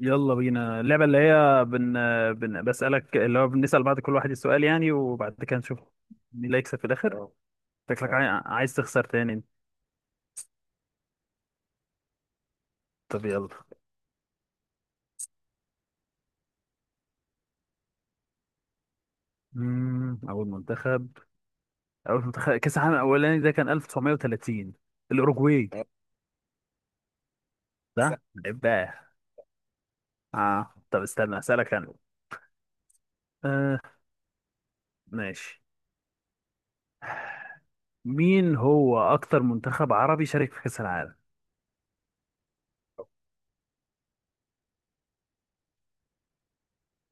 يلا بينا اللعبة اللي هي بسألك اللي هو بنسأل بعض، كل واحد السؤال يعني، وبعد كده نشوف مين اللي هيكسب في الآخر. شكلك عايز تخسر تاني انت. طب يلا. مم... أول منتخب أول منتخب كأس العالم الأولاني ده كان 1930، الأوروجواي سهل. صح؟ بقى. اه طب استنى أسألك أنا. آه ماشي. مين هو أكتر منتخب عربي شارك في كأس العالم؟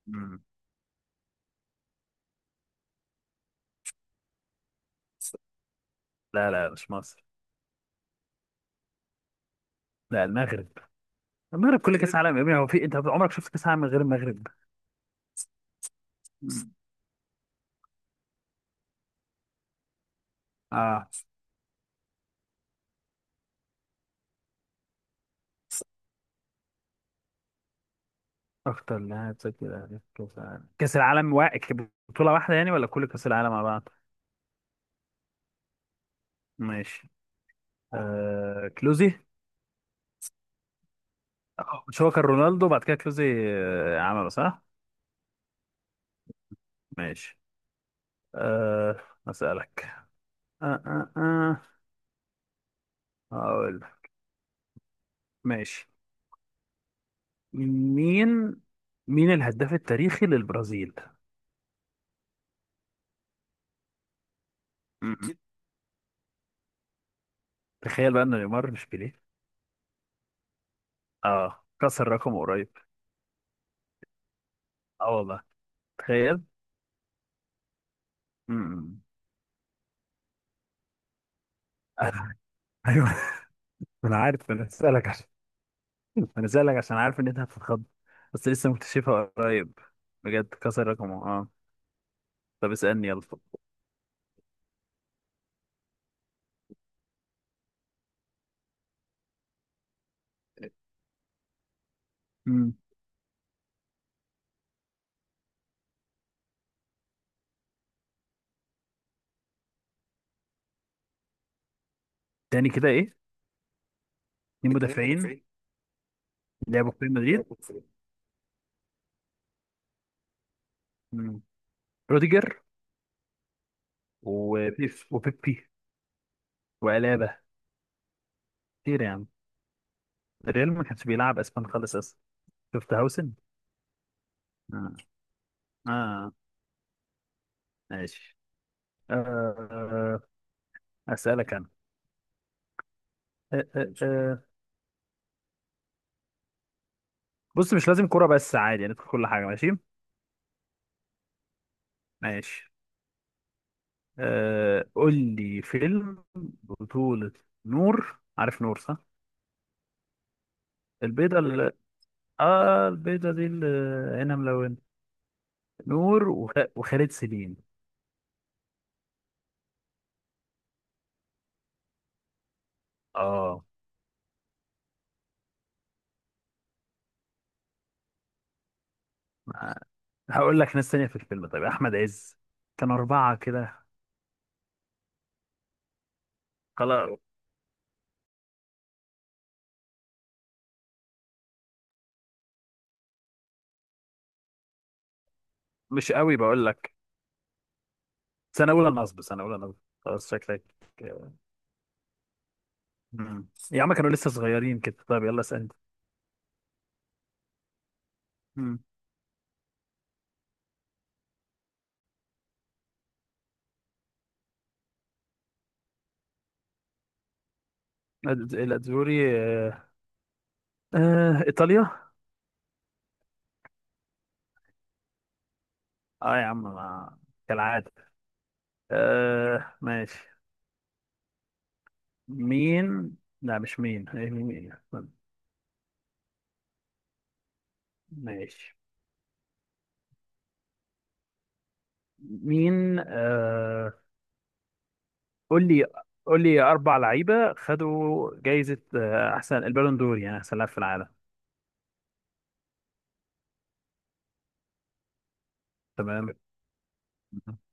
مم. لا، لا، مش مصر. لا، المغرب. المغرب كل كأس عالم يا ابني، هو في انت عمرك شفت كأس عالم من غير المغرب؟ اه. اكتر لاعب سجل أهداف في كاس العالم، بطولة واحدة يعني، ولا كل كاس العالم مع بعض؟ ماشي. كلوزي. مش هو كان رونالدو بعد كده كلوزي؟ عمله صح. ماشي. آه... اسالك. آه آه آه. هقول لك. ماشي. مين مين الهداف التاريخي للبرازيل؟ م- م. تخيل بقى ان نيمار مش بيليه. اه كسر رقم قريب. اه والله تخيل. م- م. ايوه، انا عارف، انا اسالك. انا سألك عشان عارف ان انت هتتخض، بس لسه مكتشفها قريب. بجد كسر رقمه طب اسألني يلا. مم. تاني كده، ايه؟ اتنين مدافعين لعبوا في ريال مدريد؟ مم. روديجر، وبيبي، وألابا. كتير يعني. الريال ما كانش بيلعب اسبان خالص اصلا. شفت هاوسن. اه اه ماشي. آه. اسألك انا. آه. آه. آه. بص، مش لازم كرة بس، عادي يعني في كل حاجة. ماشي. قول لي فيلم بطولة نور. عارف نور؟ صح؟ البيضة اللي، اه البيضة دي اللي عينها ملونة، نور وخالد سليم. اه. ما- هقول لك ناس تانية في الفيلم. طيب، أحمد عز. كان أربعة كده. خلاص، مش قوي بقول لك. سنة أولى نصب، سنة أولى نصب. خلاص، شكلك. مم. يا عم، كانوا لسه صغيرين كده. طيب يلا اسأل أنت. مم. الأدزوري. إيطاليا. اه يا عم، كالعادة. ماشي. مين، لا مش مين، هي مين. ماشي. مين؟ قول لي قول لي أربع لعيبة خدوا جايزة، أحسن البالون دور، يعني أحسن لاعب في العالم. تمام.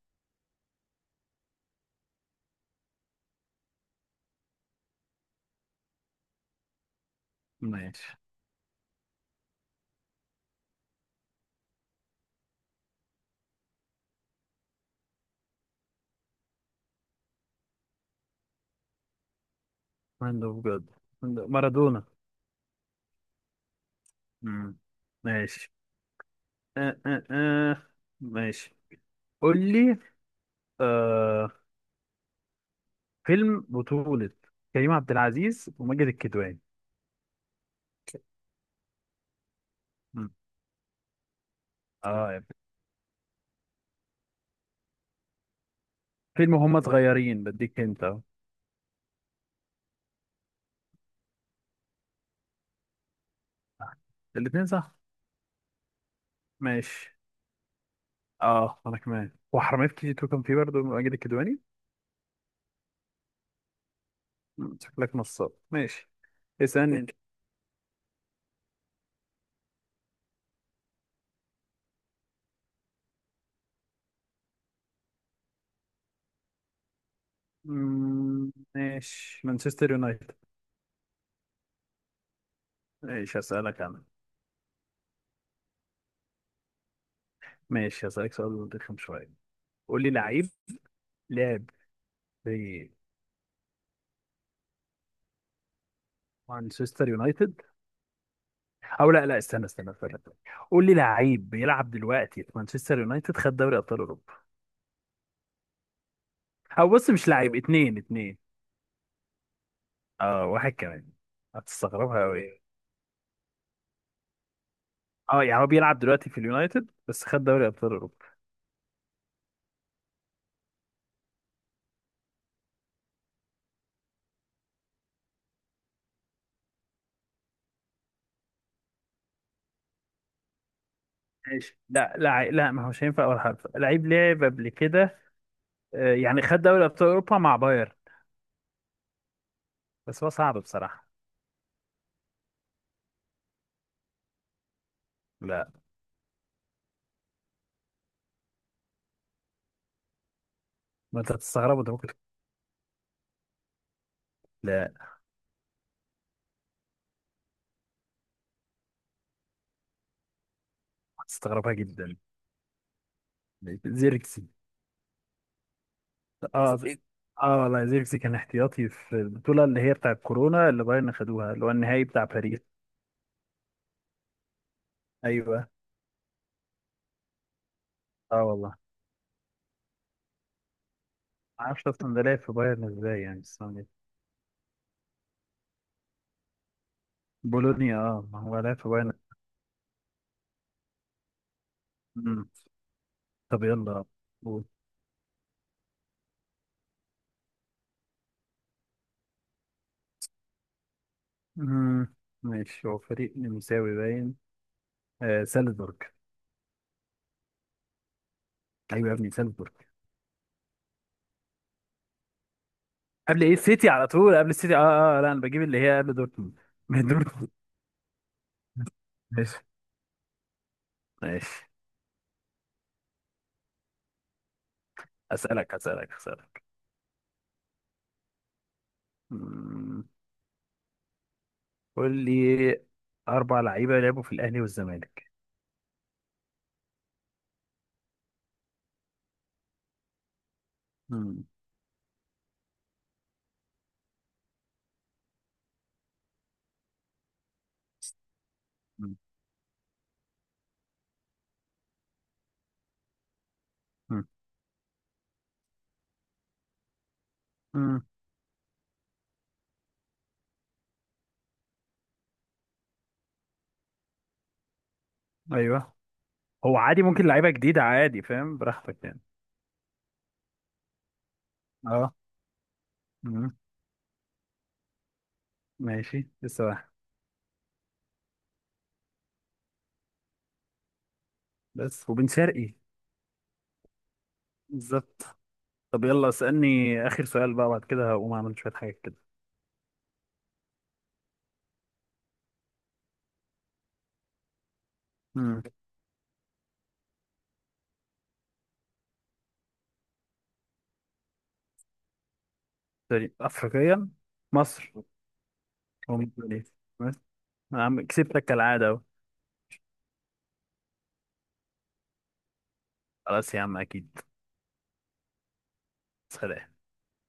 ماشي. هاند؟ بجد. مارادونا. مم. ماشي. آه آه آه. ماشي، قول لي آه فيلم بطولة كريم عبد العزيز وماجد الكدواني. مم. اه، فيلم هما صغيرين، بديك انت. الاتنين صح. ماشي. اه، انا كمان. وحرامية كي جي 2 كان فيه برضه ماجد الكدواني. شكلك نصاب. ماشي، اسألني انت. ماشي، مانشستر يونايتد. ماشي، هسألك انا. ماشي، هسألك سؤال رخم شوية. قول لي لعيب لعب في مانشستر يونايتد. او لا، لا، استنى استنى استنى، قول لي لعيب بيلعب دلوقتي في مانشستر يونايتد خد دوري ابطال اوروبا. او بص، مش لعيب، اتنين، اتنين، اه واحد كمان. هتستغربها قوي. اه يعني هو بيلعب دلوقتي في اليونايتد، بس خد دوري ابطال اوروبا. ماشي، لا، لا، لا، ما هوش هينفع اول حرف، لعيب لعب قبل كده. يعني خد دوري ابطال اوروبا مع باير. بس هو صعب بصراحه. لا، ما انت هتستغربه ده ممكن. لا، هتستغربها جدا. زيركسي. اه، اه والله، زيركسي كان احتياطي في البطوله اللي هي بتاع كورونا، اللي بايرن خدوها، اللي هو النهائي بتاع باريس. ايوه. اه والله ما اعرفش اصلا ده لعب في بايرن ازاي يعني السنه دي. بولونيا. اه ما هو لعب في بايرن. مم. طب يلا. مم. ماشي، هو فريق نمساوي باين. سالزبورج. ايوه يا ابني، سالزبورج. قبل ايه السيتي على طول؟ قبل السيتي لا، انا بجيب اللي هي قبل دورتموند. من دورتموند. ماشي ماشي. اسالك، اسالك، اسالك. مم. قول لي، اربع لعيبه لعبوا في الاهلي والزمالك. مم. مم. مم. مم. ايوه. هو عادي، ممكن لعيبه جديده عادي، فاهم، براحتك يعني. اه. مم. ماشي، لسه واحد. بس وبن شرقي. بالظبط. طب يلا، اسألني آخر سؤال بقى، بعد كده هقوم أعمل شوية حاجات كده. امم سوري، أفريقيا. مصر. ومصر. عم، كسبتك كالعادة أهو. خلاص يا عم، أكيد. سلام.